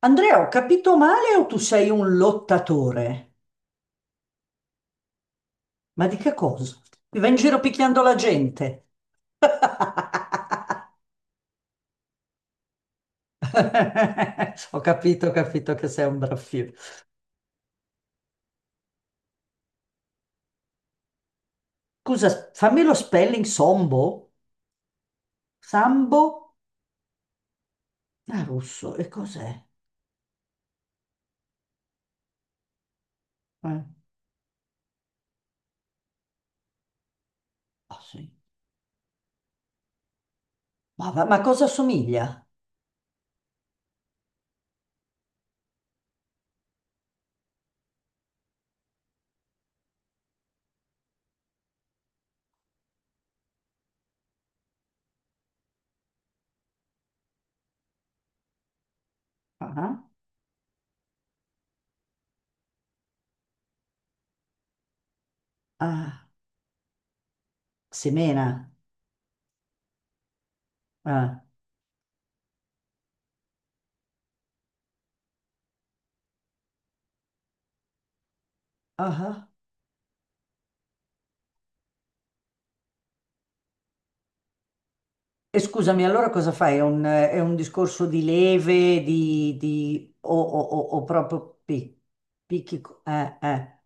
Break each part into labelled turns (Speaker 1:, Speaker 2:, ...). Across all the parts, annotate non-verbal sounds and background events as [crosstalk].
Speaker 1: Andrea, ho capito male o tu sei un lottatore? Ma di che cosa? Mi vai in giro picchiando la gente. [laughs] Ho capito che sei un braffio. Scusa, fammi lo spelling sombo? Sambo? Ah, russo, e cos'è? Eh, ah, sì. Ma, ma cosa somiglia? Ah, ah, ah, semena. Ah, ah, ah. E scusami, allora cosa fai? È un discorso di leve, di o proprio picchi,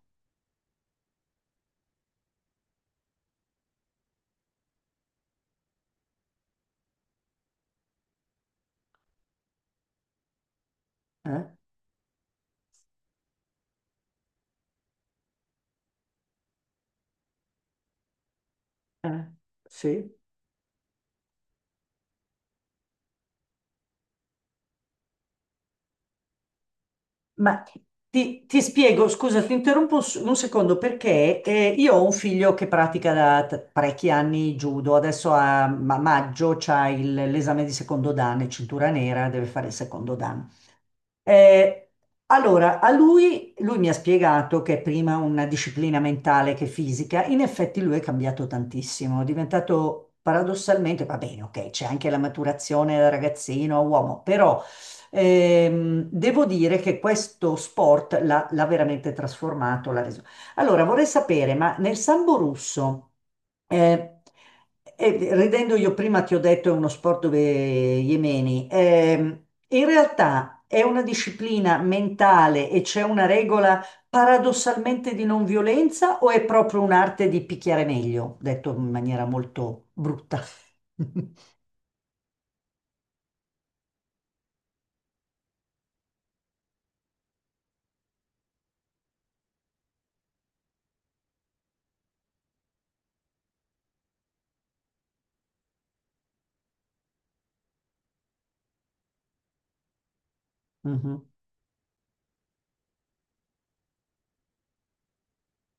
Speaker 1: eh, eh, sì. Ma ti spiego, scusa, ti interrompo un secondo perché io ho un figlio che pratica da parecchi anni judo, adesso a maggio c'ha l'esame di secondo dan, è cintura nera, deve fare il secondo dan. Eh, allora, a lui, mi ha spiegato che è prima una disciplina mentale che fisica, in effetti lui è cambiato tantissimo, è diventato paradossalmente, va bene, ok, c'è anche la maturazione da ragazzino a uomo, però... devo dire che questo sport l'ha veramente trasformato, l'ha reso. Allora, vorrei sapere, ma nel sambo russo, eh, ridendo io prima ti ho detto è uno sport dove gli emeni, in realtà è una disciplina mentale e c'è una regola paradossalmente di non violenza o è proprio un'arte di picchiare meglio, detto in maniera molto brutta? [laughs] Mhm.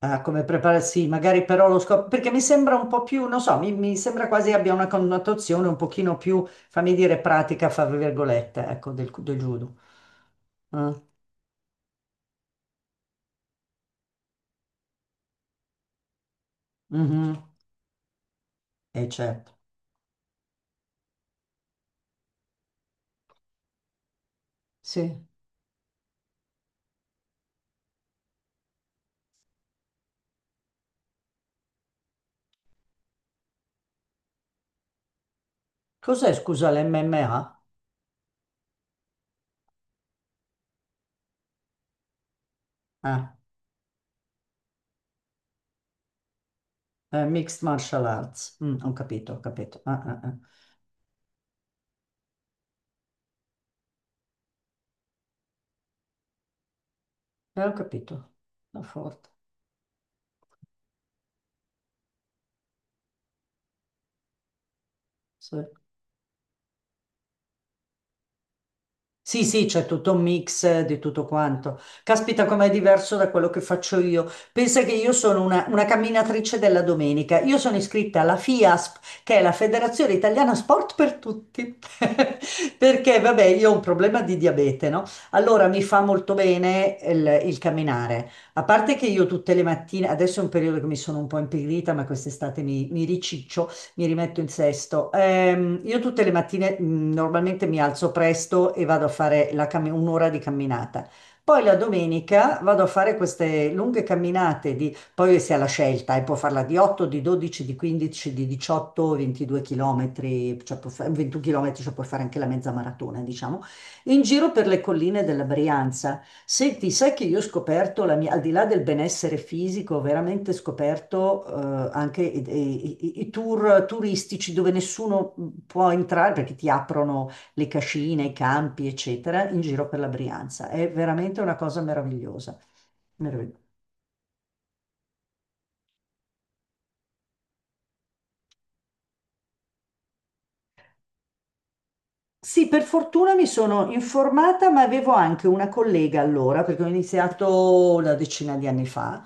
Speaker 1: Ah, come prepararsi, magari però lo scopo, perché mi sembra un po' più, non so, mi sembra quasi abbia una connotazione un pochino più, fammi dire, pratica, fra virgolette, ecco, del judo. Ah, mhm, e certo, sì. Cos'è, scusa, l'MMA? Ah, Mixed Martial Arts. Mm, ho capito, ho capito. Ah, ah, ah. Ho capito, la forte, sì. Sì, sì, c'è tutto un mix di tutto quanto. Caspita, com'è diverso da quello che faccio io. Pensa che io sono una camminatrice della domenica. Io sono iscritta alla FIASP, che è la Federazione Italiana Sport per Tutti. [laughs] Perché, vabbè, io ho un problema di diabete, no? Allora mi fa molto bene il camminare. A parte che io tutte le mattine, adesso è un periodo che mi sono un po' impigrita, ma quest'estate mi riciccio, mi rimetto in sesto. Io tutte le mattine normalmente mi alzo presto e vado a fare la un'ora di camminata. Poi la domenica vado a fare queste lunghe camminate poi si ha la scelta, e può farla di 8, di 12, di 15, di 18, 22 km, cioè 21 km, cioè puoi fare anche la mezza maratona, diciamo, in giro per le colline della Brianza. Senti, sai che io ho scoperto la mia, al di là del benessere fisico, ho veramente scoperto anche i tour turistici dove nessuno può entrare perché ti aprono le cascine, i campi, eccetera, in giro per la Brianza. È veramente una cosa meravigliosa. Meravigliosa. Sì, per fortuna mi sono informata, ma avevo anche una collega allora, perché ho iniziato una decina di anni fa,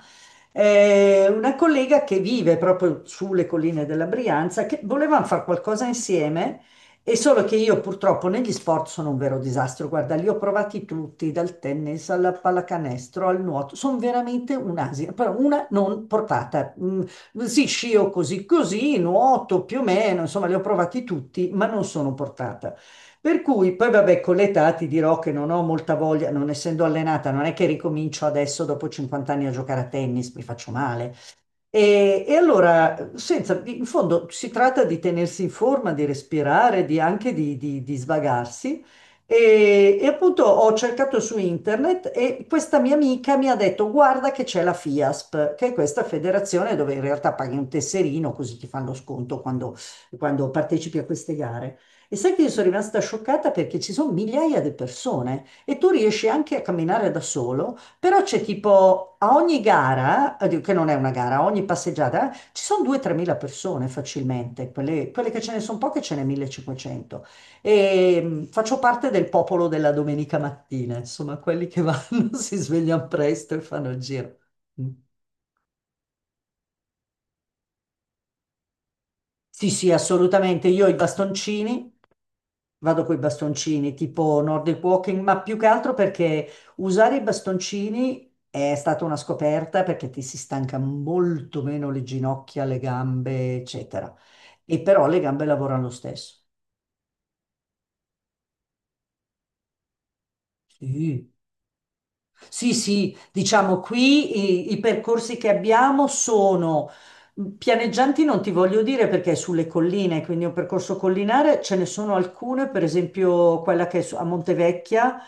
Speaker 1: una collega che vive proprio sulle colline della Brianza, che volevano fare qualcosa insieme, e solo che io purtroppo negli sport sono un vero disastro. Guarda, li ho provati tutti, dal tennis alla pallacanestro al nuoto, sono veramente un'asia, però una non portata. Mm, sì, scio così così, nuoto più o meno, insomma, li ho provati tutti, ma non sono portata. Per cui poi vabbè, con l'età ti dirò che non ho molta voglia, non essendo allenata, non è che ricomincio adesso dopo 50 anni a giocare a tennis, mi faccio male. E allora, in fondo si tratta di tenersi in forma, di respirare, di anche di svagarsi. E appunto ho cercato su internet e questa mia amica mi ha detto: Guarda che c'è la FIASP, che è questa federazione dove in realtà paghi un tesserino così ti fanno sconto quando, partecipi a queste gare. E sai che io sono rimasta scioccata perché ci sono migliaia di persone e tu riesci anche a camminare da solo. Però c'è tipo a ogni gara, che non è una gara, a ogni passeggiata, ci sono 2-3 persone facilmente, quelle che ce ne sono poche ce ne 1500. Faccio parte del popolo della domenica mattina, insomma, quelli che vanno, [laughs] si svegliano presto e fanno il giro. Mm. Sì, sì, assolutamente. Io ho i bastoncini. Vado con i bastoncini, tipo Nordic Walking, ma più che altro perché usare i bastoncini è stata una scoperta perché ti si stanca molto meno le ginocchia, le gambe, eccetera. E però le gambe lavorano lo stesso. Sì. Sì, sì, diciamo qui i percorsi che abbiamo sono pianeggianti, non ti voglio dire perché è sulle colline, quindi è un percorso collinare, ce ne sono alcune, per esempio quella che è a Montevecchia,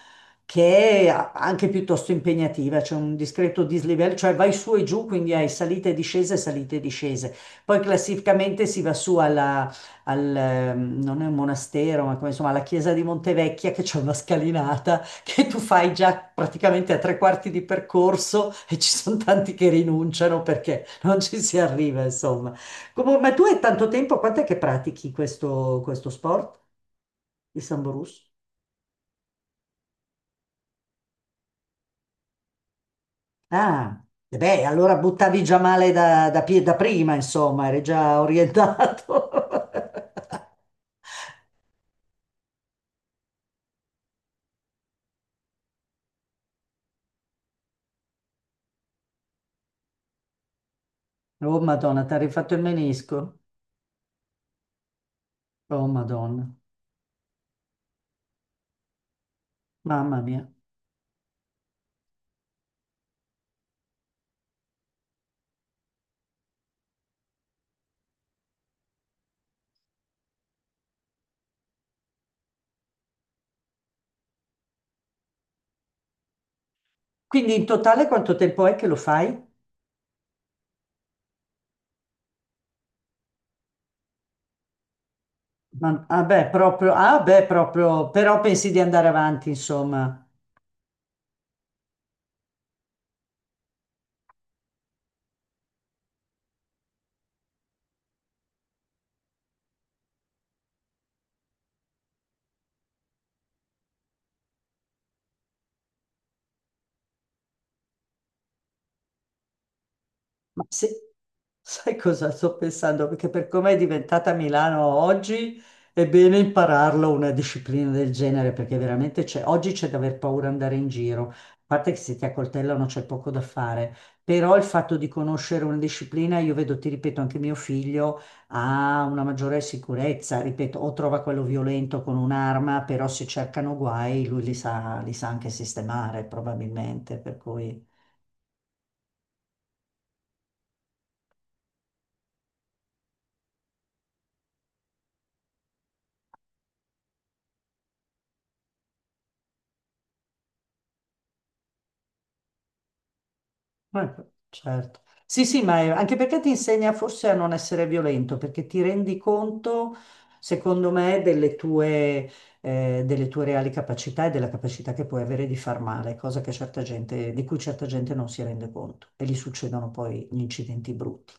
Speaker 1: che è anche piuttosto impegnativa, c'è un discreto dislivello, cioè vai su e giù, quindi hai salite e discese, salite e discese. Poi classificamente si va su non è un monastero, ma come, insomma alla chiesa di Montevecchia che c'è una scalinata che tu fai già praticamente a tre quarti di percorso e ci sono tanti che rinunciano perché non ci si arriva, insomma. Comunque, ma tu hai tanto tempo, quant'è che pratichi questo sport, il samburus? Ah, e beh, allora buttavi già male da prima, insomma, eri già orientato. [laughs] Oh, Madonna, ti ha rifatto il menisco? Oh, Madonna, mamma mia. Quindi in totale quanto tempo è che lo fai? Ma, ah beh, proprio, però pensi di andare avanti, insomma. Ma sai cosa sto pensando? Perché per come è diventata Milano oggi, è bene impararlo una disciplina del genere, perché veramente c'è, oggi c'è da aver paura andare in giro. A parte che se ti accoltellano c'è poco da fare, però il fatto di conoscere una disciplina, io vedo, ti ripeto, anche mio figlio ha una maggiore sicurezza, ripeto, o trova quello violento con un'arma, però se cercano guai, lui li sa anche sistemare probabilmente, per cui... Eh, certo. Sì, sì, ma anche perché ti insegna forse a non essere violento, perché ti rendi conto, secondo me, delle tue reali capacità e della capacità che puoi avere di far male, cosa che certa gente, di cui certa gente non si rende conto e gli succedono poi gli incidenti brutti.